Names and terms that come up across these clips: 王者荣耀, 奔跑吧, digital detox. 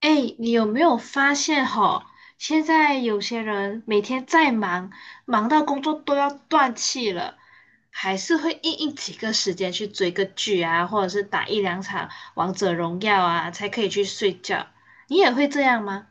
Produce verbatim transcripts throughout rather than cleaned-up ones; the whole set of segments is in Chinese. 哎，你有没有发现哈？现在有些人每天再忙，忙到工作都要断气了，还是会硬硬挤个时间去追个剧啊，或者是打一两场王者荣耀啊，才可以去睡觉。你也会这样吗？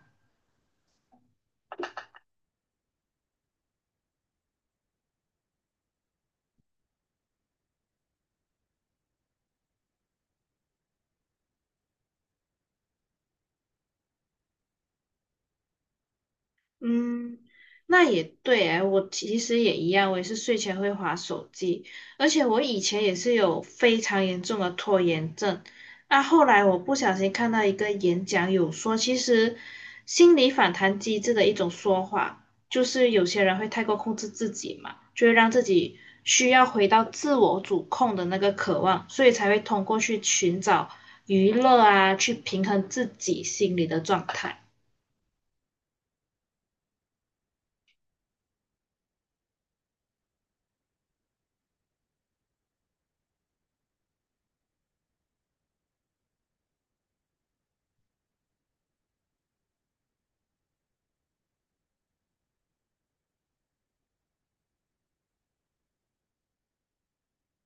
嗯，那也对哎，我其实也一样，我也是睡前会划手机，而且我以前也是有非常严重的拖延症。那后来我不小心看到一个演讲，有说其实心理反弹机制的一种说法，就是有些人会太过控制自己嘛，就会让自己需要回到自我主控的那个渴望，所以才会通过去寻找娱乐啊，去平衡自己心理的状态。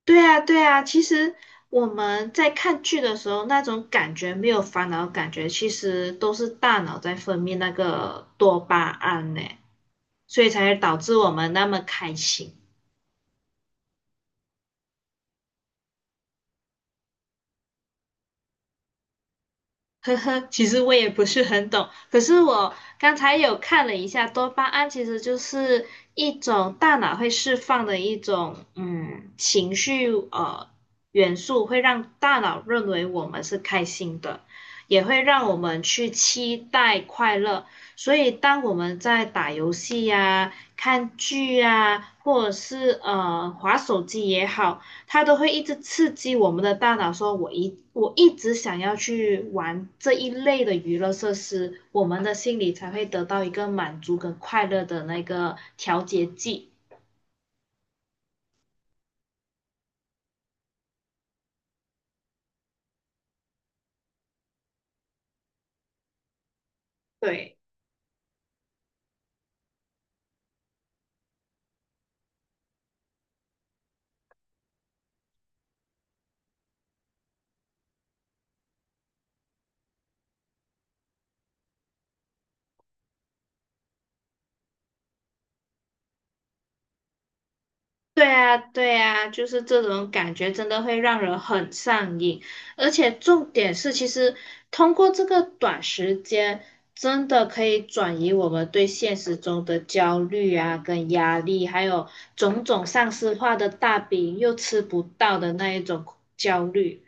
对啊，对啊，其实我们在看剧的时候，那种感觉没有烦恼的感觉，其实都是大脑在分泌那个多巴胺呢，所以才会导致我们那么开心。呵呵，其实我也不是很懂，可是我刚才有看了一下，多巴胺其实就是一种大脑会释放的一种嗯情绪呃元素，会让大脑认为我们是开心的，也会让我们去期待快乐。所以当我们在打游戏呀、看剧呀、或者是呃划手机也好。它都会一直刺激我们的大脑，说我一我一直想要去玩这一类的娱乐设施，我们的心里才会得到一个满足跟快乐的那个调节剂。对，对啊，对啊，就是这种感觉真的会让人很上瘾，而且重点是，其实通过这个短时间，真的可以转移我们对现实中的焦虑啊、跟压力，还有种种上司化的大饼又吃不到的那一种焦虑，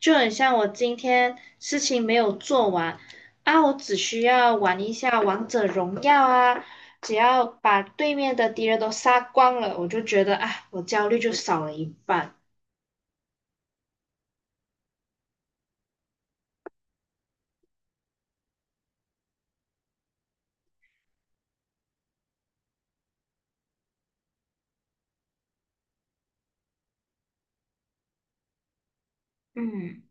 就很像我今天事情没有做完啊，我只需要玩一下王者荣耀啊。只要把对面的敌人都杀光了，我就觉得啊，我焦虑就少了一半。嗯，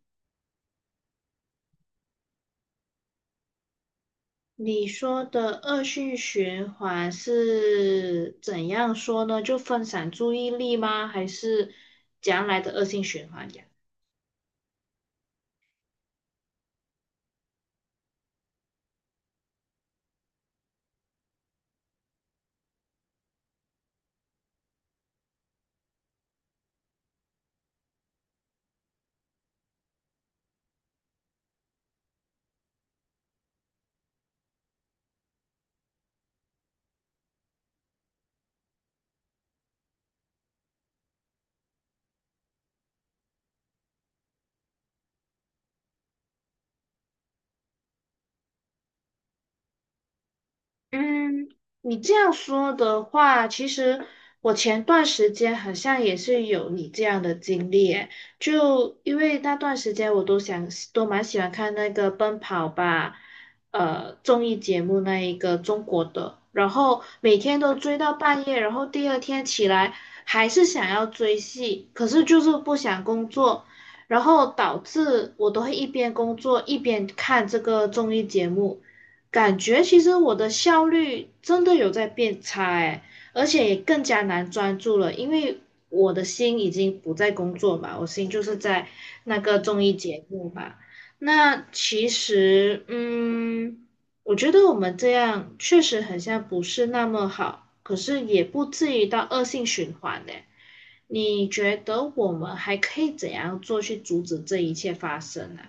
你说的恶性循环是怎样说呢？就分散注意力吗？还是将来的恶性循环呀？嗯，你这样说的话，其实我前段时间好像也是有你这样的经历诶，就因为那段时间我都想都蛮喜欢看那个《奔跑吧》呃综艺节目那一个中国的，然后每天都追到半夜，然后第二天起来还是想要追戏，可是就是不想工作，然后导致我都会一边工作一边看这个综艺节目。感觉其实我的效率真的有在变差哎，而且也更加难专注了，因为我的心已经不在工作嘛，我心就是在那个综艺节目嘛。那其实，嗯，我觉得我们这样确实很像不是那么好，可是也不至于到恶性循环呢。你觉得我们还可以怎样做去阻止这一切发生呢？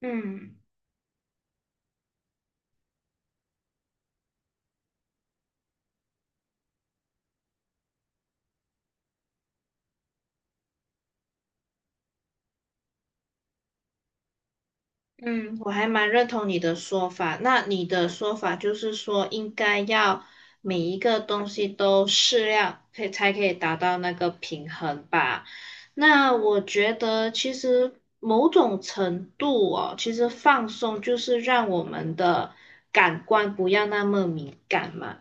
嗯。嗯，我还蛮认同你的说法。那你的说法就是说，应该要每一个东西都适量，可以才可以达到那个平衡吧？那我觉得其实某种程度哦，其实放松就是让我们的感官不要那么敏感嘛。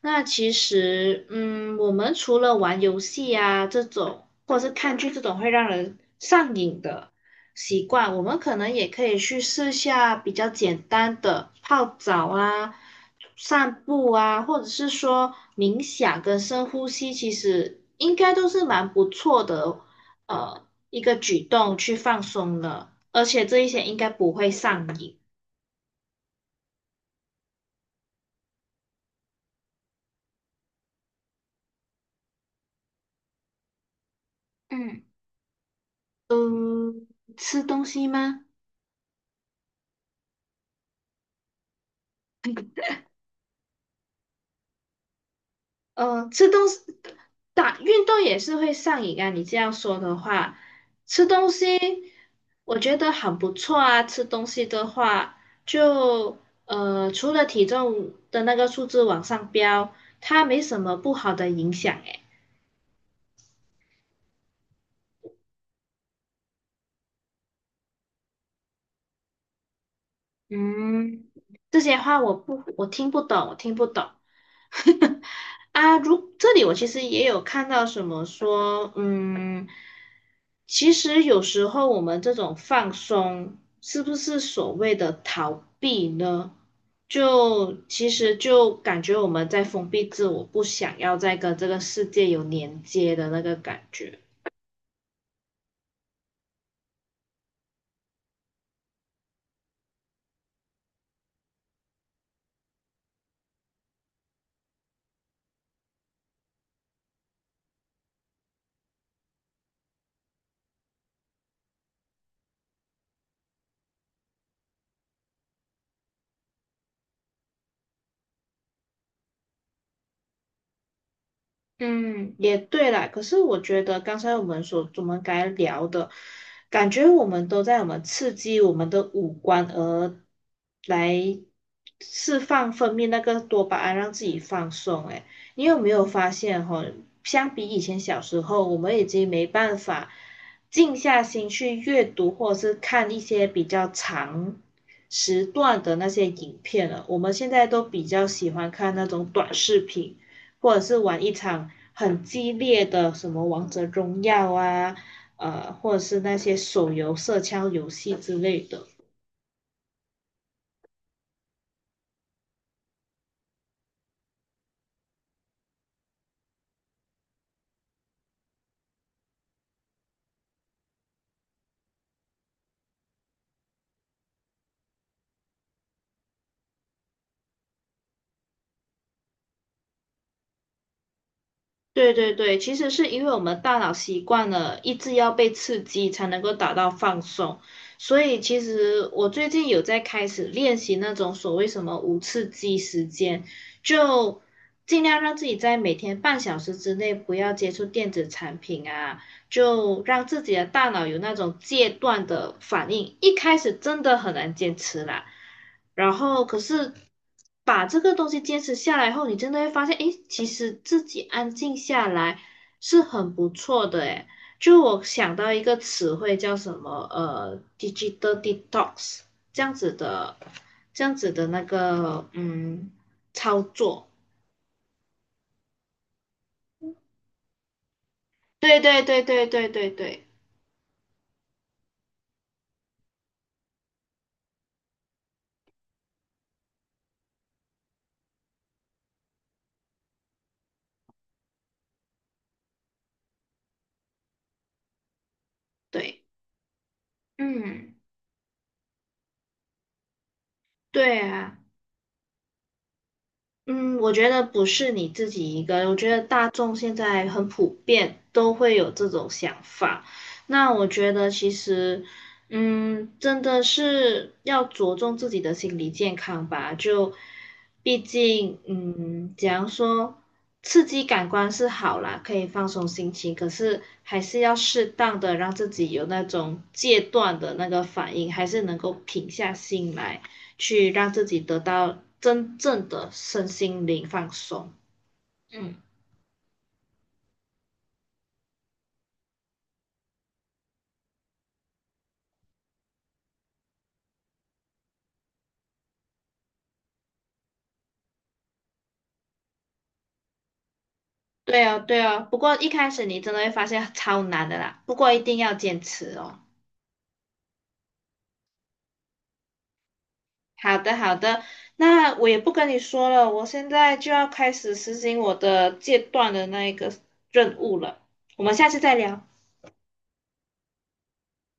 那其实，嗯，我们除了玩游戏啊这种，或者是看剧这种会让人上瘾的。习惯，我们可能也可以去试下比较简单的泡澡啊、散步啊，或者是说冥想跟深呼吸，其实应该都是蛮不错的，呃，一个举动去放松了，而且这一些应该不会上瘾。嗯，嗯，吃东西吗？嗯，吃东西，打运动也是会上瘾啊。你这样说的话，吃东西我觉得很不错啊。吃东西的话，就呃，除了体重的那个数字往上飙，它没什么不好的影响诶。嗯，这些话我不，我听不懂，我听不懂。啊，如这里我其实也有看到什么说，嗯，其实有时候我们这种放松，是不是所谓的逃避呢？就其实就感觉我们在封闭自我，不想要再跟这个世界有连接的那个感觉。嗯，也对啦。可是我觉得刚才我们所我们该聊的，感觉我们都在我们刺激我们的五官，而来释放分泌那个多巴胺，让自己放松。诶，你有没有发现哈、相比以前小时候，我们已经没办法静下心去阅读或者是看一些比较长时段的那些影片了。我们现在都比较喜欢看那种短视频。或者是玩一场很激烈的什么王者荣耀啊，呃，或者是那些手游射枪游戏之类的。对对对，其实是因为我们大脑习惯了一直要被刺激才能够达到放松，所以其实我最近有在开始练习那种所谓什么无刺激时间，就尽量让自己在每天半小时之内不要接触电子产品啊，就让自己的大脑有那种戒断的反应。一开始真的很难坚持啦，然后可是把这个东西坚持下来后，你真的会发现，诶，其实自己安静下来是很不错的，诶。就我想到一个词汇叫什么，呃，digital detox 这样子的，这样子的那个，嗯，操作。对对对对对对对对，嗯，对啊。嗯，我觉得不是你自己一个，我觉得大众现在很普遍都会有这种想法。那我觉得其实，嗯，真的是要着重自己的心理健康吧。就毕竟，嗯，假如说刺激感官是好啦，可以放松心情，可是还是要适当的让自己有那种戒断的那个反应，还是能够平下心来。去让自己得到真正的身心灵放松。嗯，对哦，对哦。不过一开始你真的会发现超难的啦，不过一定要坚持哦。好的，好的。那我也不跟你说了，我现在就要开始实行我的戒断的那一个任务了。我们下次再聊。